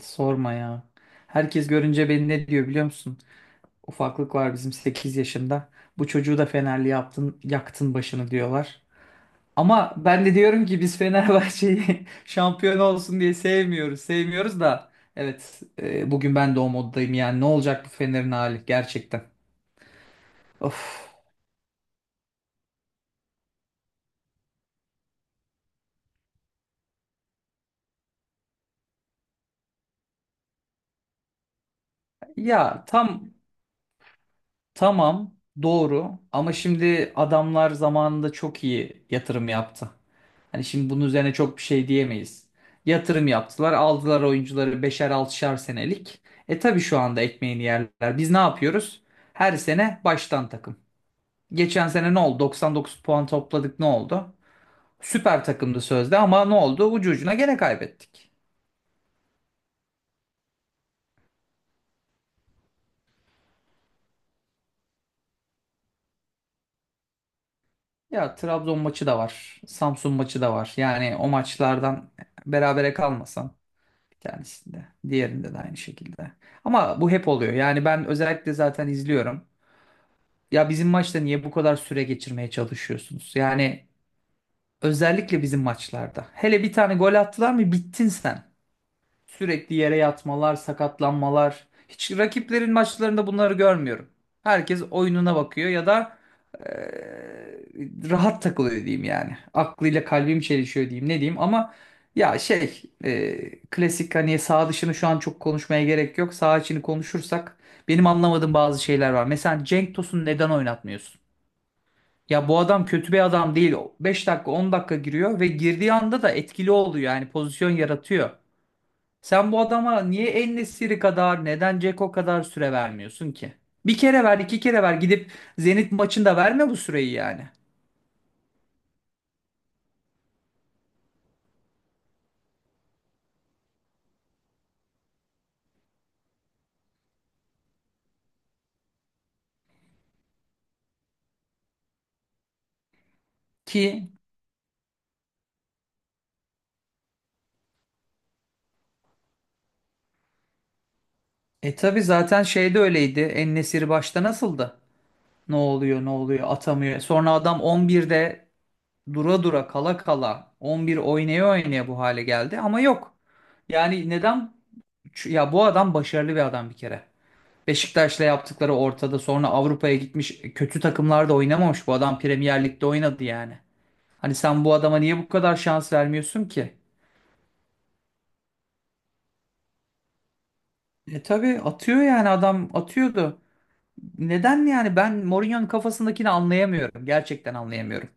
Sorma ya. Herkes görünce beni ne diyor biliyor musun? Ufaklık var bizim 8 yaşında. Bu çocuğu da Fenerli yaptın, yaktın başını diyorlar. Ama ben de diyorum ki biz Fenerbahçe'yi şampiyon olsun diye sevmiyoruz. Sevmiyoruz da evet, bugün ben de o moddayım yani ne olacak bu Fener'in hali gerçekten. Of. Ya tamam, doğru ama şimdi adamlar zamanında çok iyi yatırım yaptı. Hani şimdi bunun üzerine çok bir şey diyemeyiz. Yatırım yaptılar, aldılar oyuncuları 5'er 6'şar senelik. Tabii şu anda ekmeğini yerler. Biz ne yapıyoruz? Her sene baştan takım. Geçen sene ne oldu? 99 puan topladık, ne oldu? Süper takımdı sözde ama ne oldu? Ucu ucuna gene kaybettik. Ya Trabzon maçı da var. Samsun maçı da var. Yani o maçlardan berabere kalmasan bir tanesinde. Diğerinde de aynı şekilde. Ama bu hep oluyor. Yani ben özellikle zaten izliyorum. Ya bizim maçta niye bu kadar süre geçirmeye çalışıyorsunuz? Yani özellikle bizim maçlarda. Hele bir tane gol attılar mı bittin sen. Sürekli yere yatmalar, sakatlanmalar. Hiç rakiplerin maçlarında bunları görmüyorum. Herkes oyununa bakıyor ya da eee, rahat takılıyor diyeyim yani. Aklıyla kalbim çelişiyor diyeyim ne diyeyim ama ya şey, klasik. Hani sağ dışını şu an çok konuşmaya gerek yok. Sağ içini konuşursak benim anlamadığım bazı şeyler var. Mesela Cenk Tosun'u neden oynatmıyorsun? Ya bu adam kötü bir adam değil. 5 dakika 10 dakika giriyor ve girdiği anda da etkili oluyor yani, pozisyon yaratıyor. Sen bu adama niye En-Nesyri kadar, neden Ceko kadar süre vermiyorsun ki? Bir kere ver, iki kere ver, gidip Zenit maçında verme bu süreyi yani. Ki tabi zaten şeyde öyleydi. En-Nesyri başta nasıldı? Ne oluyor ne oluyor, atamıyor. Sonra adam 11'de dura dura, kala kala, 11 oynaya oynaya bu hale geldi ama yok. Yani neden? Ya bu adam başarılı bir adam bir kere. Beşiktaş'la yaptıkları ortada. Sonra Avrupa'ya gitmiş. Kötü takımlarda oynamamış. Bu adam Premier Lig'de oynadı yani. Hani sen bu adama niye bu kadar şans vermiyorsun ki? Tabii atıyor yani, adam atıyordu. Neden yani, ben Mourinho'nun kafasındakini anlayamıyorum. Gerçekten anlayamıyorum.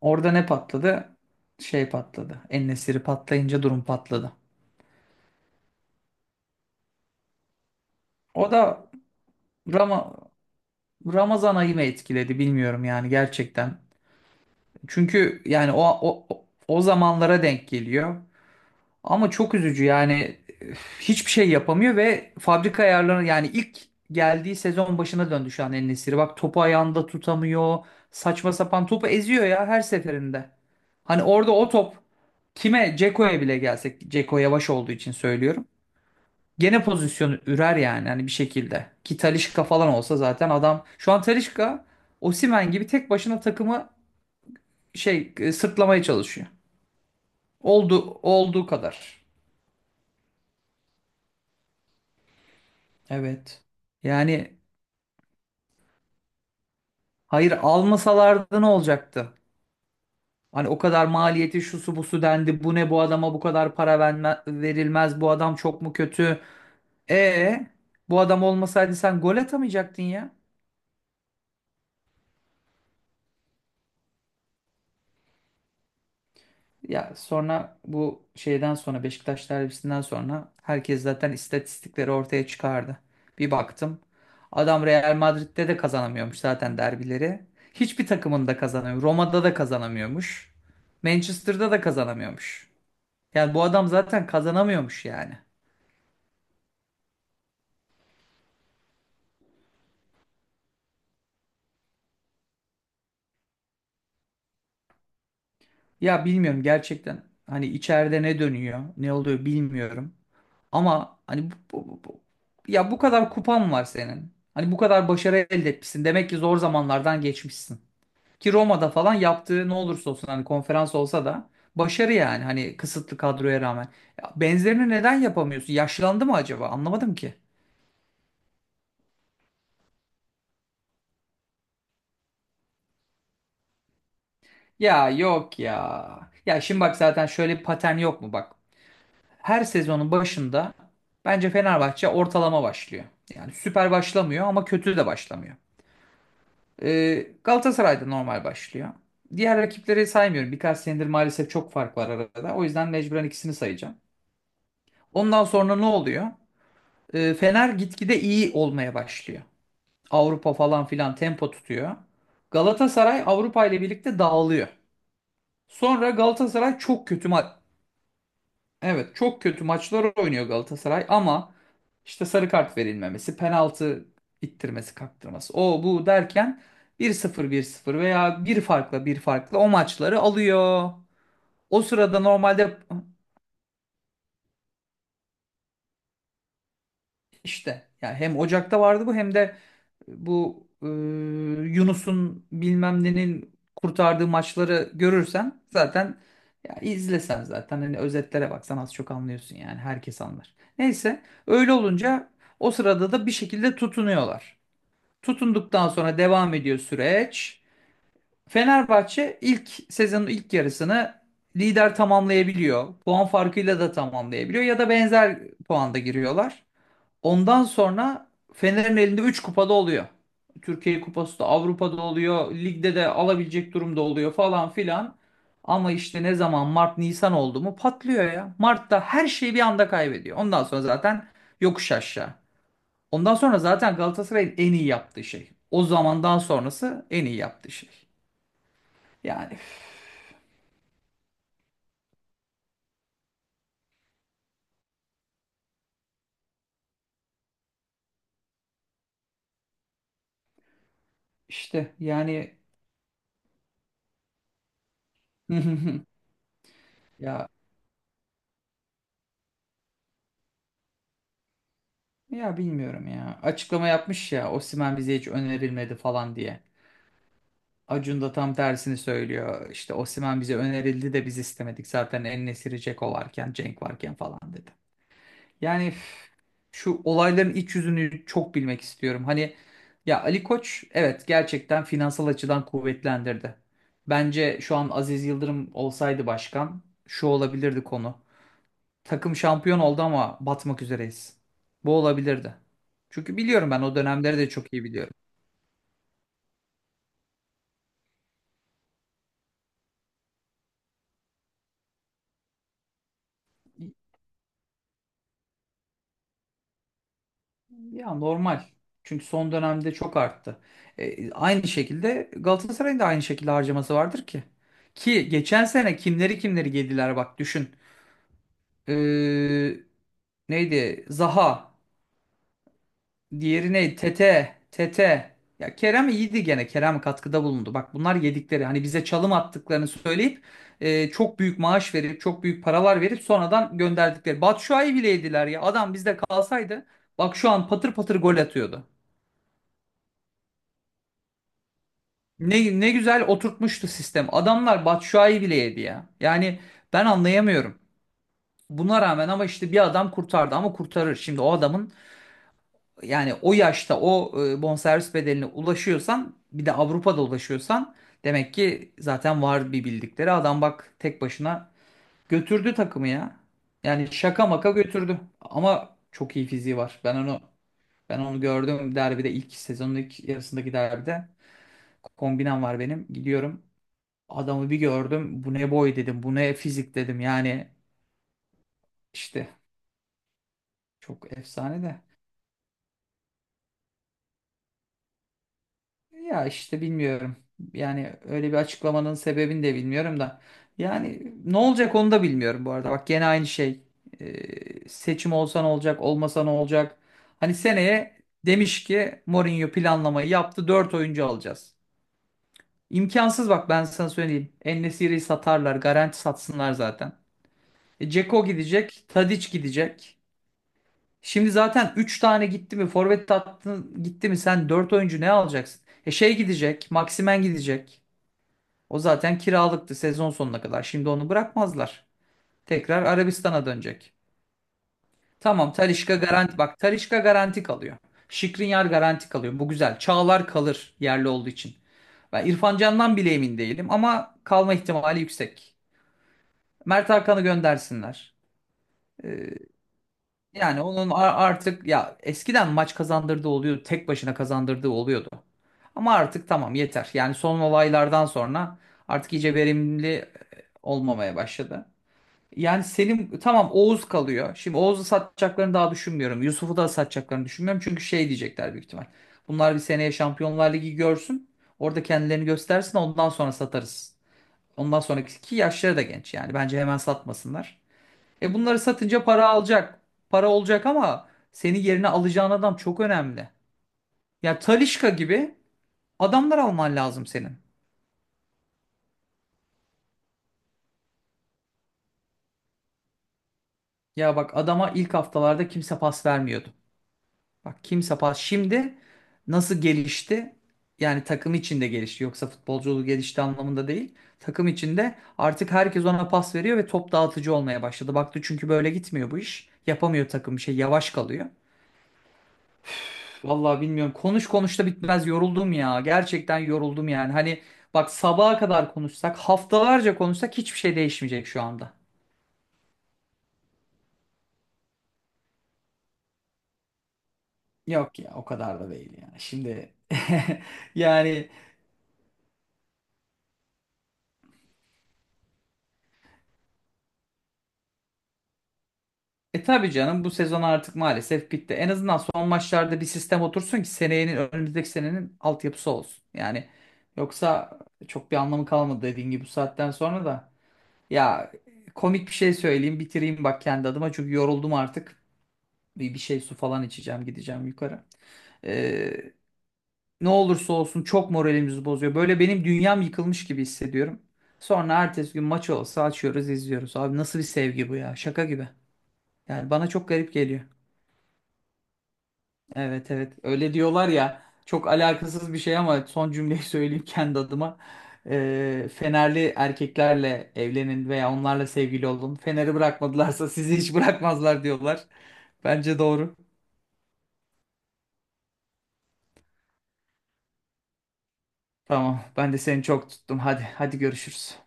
Orada ne patladı? Şey patladı. Patlayınca durum patladı. O da Rama- Ramazan ayı mı etkiledi, bilmiyorum yani gerçekten. Çünkü yani o zamanlara denk geliyor. Ama çok üzücü yani, üf, hiçbir şey yapamıyor ve fabrika ayarları yani, ilk geldiği sezon başına döndü şu an El Nesiri. Bak topu ayağında tutamıyor. Saçma sapan topu eziyor ya, her seferinde. Hani orada o top kime, Ceko'ya bile gelsek, Ceko yavaş olduğu için söylüyorum, gene pozisyonu ürer yani hani, bir şekilde. Ki Talisca falan olsa zaten, adam şu an Talisca Osimhen gibi tek başına takımı sırtlamaya çalışıyor. Oldu, olduğu kadar. Evet. Yani hayır, almasalardı ne olacaktı? Hani o kadar maliyeti, şusu busu dendi. Bu ne, bu adama bu kadar para verilmez. Bu adam çok mu kötü? E bu adam olmasaydı sen gol atamayacaktın ya. Ya sonra bu şeyden sonra, Beşiktaş derbisinden sonra, herkes zaten istatistikleri ortaya çıkardı. Bir baktım. Adam Real Madrid'de de kazanamıyormuş zaten derbileri. Hiçbir takımında kazanamıyor. Roma'da da kazanamıyormuş. Manchester'da da kazanamıyormuş. Yani bu adam zaten kazanamıyormuş yani. Ya bilmiyorum gerçekten, hani içeride ne dönüyor, ne oluyor bilmiyorum. Ama hani ya bu kadar kupan var senin. Hani bu kadar başarı elde etmişsin. Demek ki zor zamanlardan geçmişsin. Ki Roma'da falan yaptığı, ne olursa olsun hani, konferans olsa da başarı yani, hani kısıtlı kadroya rağmen. Ya benzerini neden yapamıyorsun? Yaşlandı mı acaba? Anlamadım ki. Ya yok ya. Ya şimdi bak, zaten şöyle bir patern yok mu bak. Her sezonun başında bence Fenerbahçe ortalama başlıyor. Yani süper başlamıyor ama kötü de başlamıyor. Galatasaray'da normal başlıyor. Diğer rakipleri saymıyorum. Birkaç senedir maalesef çok fark var arada. O yüzden mecburen ikisini sayacağım. Ondan sonra ne oluyor? Fener gitgide iyi olmaya başlıyor. Avrupa falan filan tempo tutuyor. Galatasaray Avrupa ile birlikte dağılıyor. Sonra Galatasaray çok kötü maç. Evet, çok kötü maçlar oynuyor Galatasaray ama işte sarı kart verilmemesi, penaltı ittirmesi, kaktırması, o bu derken bir sıfır bir sıfır veya bir farkla, bir farkla o maçları alıyor. O sırada normalde işte yani, hem Ocak'ta vardı bu, hem de bu Yunus'un bilmem nenin kurtardığı maçları görürsen zaten, ya izlesen zaten, hani özetlere baksan az çok anlıyorsun yani, herkes anlar. Neyse, öyle olunca o sırada da bir şekilde tutunuyorlar. Tutunduktan sonra devam ediyor süreç. Fenerbahçe ilk sezonun ilk yarısını lider tamamlayabiliyor. Puan farkıyla da tamamlayabiliyor ya da benzer puanda giriyorlar. Ondan sonra Fener'in elinde 3 kupada oluyor. Türkiye Kupası da, Avrupa'da oluyor. Ligde de alabilecek durumda oluyor falan filan. Ama işte ne zaman Mart Nisan oldu mu, patlıyor ya. Mart'ta her şeyi bir anda kaybediyor. Ondan sonra zaten yokuş aşağı. Ondan sonra zaten Galatasaray'ın en iyi yaptığı şey. O zamandan sonrası en iyi yaptığı şey. Yani üf, işte yani ya ya bilmiyorum ya. Açıklama yapmış ya, Osimhen bize hiç önerilmedi falan diye. Acun da tam tersini söylüyor. İşte Osimhen bize önerildi de biz istemedik. Zaten En-Nesyri, Dzeko varken, Cenk varken falan dedi. Yani üf, şu olayların iç yüzünü çok bilmek istiyorum. Hani ya, Ali Koç evet, gerçekten finansal açıdan kuvvetlendirdi. Bence şu an Aziz Yıldırım olsaydı başkan, şu olabilirdi konu. Takım şampiyon oldu ama batmak üzereyiz. Bu olabilirdi. Çünkü biliyorum ben o dönemleri de çok iyi biliyorum. Ya normal. Çünkü son dönemde çok arttı. Aynı şekilde Galatasaray'ın da aynı şekilde harcaması vardır ki. Ki geçen sene kimleri kimleri yediler bak, düşün. E, neydi? Zaha. Diğeri neydi? Tete. Tete. Ya Kerem iyiydi gene. Kerem katkıda bulundu. Bak bunlar yedikleri. Hani bize çalım attıklarını söyleyip çok büyük maaş verip, çok büyük paralar verip sonradan gönderdikleri. Batshuayi bile yediler ya. Adam bizde kalsaydı bak şu an patır patır gol atıyordu. Ne, ne güzel oturtmuştu sistem. Adamlar Batshuayi bile yedi ya. Yani ben anlayamıyorum. Buna rağmen ama işte bir adam kurtardı ama, kurtarır. Şimdi o adamın yani, o yaşta o bonservis bedeline ulaşıyorsan, bir de Avrupa'da ulaşıyorsan, demek ki zaten var bir bildikleri. Adam bak tek başına götürdü takımı ya. Yani şaka maka götürdü. Ama çok iyi fiziği var. Ben onu, gördüm derbide, ilk sezonun ilk yarısındaki derbide, kombinem var benim. Gidiyorum. Adamı bir gördüm. Bu ne boy dedim. Bu ne fizik dedim. Yani işte, çok efsane de. Ya işte bilmiyorum. Yani öyle bir açıklamanın sebebini de bilmiyorum da. Yani ne olacak onu da bilmiyorum bu arada. Bak gene aynı şey. Seçim olsa ne olacak, olmasa ne olacak? Hani seneye demiş ki Mourinho planlamayı yaptı. Dört oyuncu alacağız. İmkansız, bak ben sana söyleyeyim. En-Nesyri'yi satarlar. Garanti, satsınlar zaten. Dzeko gidecek. Tadic gidecek. Şimdi zaten 3 tane gitti mi, forvet attın gitti mi sen, 4 oyuncu ne alacaksın? Şey gidecek, Maximen gidecek. O zaten kiralıktı sezon sonuna kadar. Şimdi onu bırakmazlar. Tekrar Arabistan'a dönecek. Tamam, Talisca garanti, bak Talisca garanti kalıyor. Skriniar garanti kalıyor. Bu güzel. Çağlar kalır yerli olduğu için. Ben İrfan Can'dan bile emin değilim ama kalma ihtimali yüksek. Mert Hakan'ı göndersinler. Ee, Yani onun artık, ya eskiden maç kazandırdığı oluyordu. Tek başına kazandırdığı oluyordu. Ama artık tamam, yeter. Yani son olaylardan sonra artık iyice verimli olmamaya başladı. Yani Selim tamam, Oğuz kalıyor. Şimdi Oğuz'u satacaklarını daha düşünmüyorum. Yusuf'u da satacaklarını düşünmüyorum. Çünkü şey diyecekler büyük ihtimal. Bunlar bir seneye Şampiyonlar Ligi görsün. Orada kendilerini göstersin ondan sonra satarız. Ondan sonraki ki yaşları da genç yani. Bence hemen satmasınlar. Bunları satınca para alacak. Para olacak ama seni yerine alacağın adam çok önemli. Ya Talisca gibi adamlar alman lazım senin. Ya bak, adama ilk haftalarda kimse pas vermiyordu. Bak kimse pas. Şimdi nasıl gelişti? Yani takım içinde gelişti. Yoksa futbolculuğu gelişti anlamında değil. Takım içinde artık herkes ona pas veriyor ve top dağıtıcı olmaya başladı. Baktı çünkü böyle gitmiyor bu iş. Yapamıyor takım bir şey. Yavaş kalıyor. Vallahi bilmiyorum. Konuş konuş da bitmez. Yoruldum ya. Gerçekten yoruldum yani. Hani bak, sabaha kadar konuşsak, haftalarca konuşsak hiçbir şey değişmeyecek şu anda. Yok ya, o kadar da değil ya. Şimdi yani tabii canım, bu sezon artık maalesef bitti. En azından son maçlarda bir sistem otursun ki senenin, önümüzdeki senenin altyapısı olsun. Yani yoksa çok bir anlamı kalmadı dediğin gibi bu saatten sonra da. Ya komik bir şey söyleyeyim, bitireyim bak kendi adıma çünkü yoruldum artık. Bir şey, su falan içeceğim, gideceğim yukarı. Ee, ne olursa olsun çok moralimizi bozuyor. Böyle benim dünyam yıkılmış gibi hissediyorum. Sonra ertesi gün maç olsa açıyoruz, izliyoruz. Abi nasıl bir sevgi bu ya, şaka gibi. Yani bana çok garip geliyor. Evet evet, öyle diyorlar ya, çok alakasız bir şey ama son cümleyi söyleyeyim kendi adıma. Fenerli erkeklerle evlenin veya onlarla sevgili olun. Fener'i bırakmadılarsa sizi hiç bırakmazlar diyorlar. Bence doğru. Tamam, ben de seni çok tuttum. Hadi, hadi görüşürüz.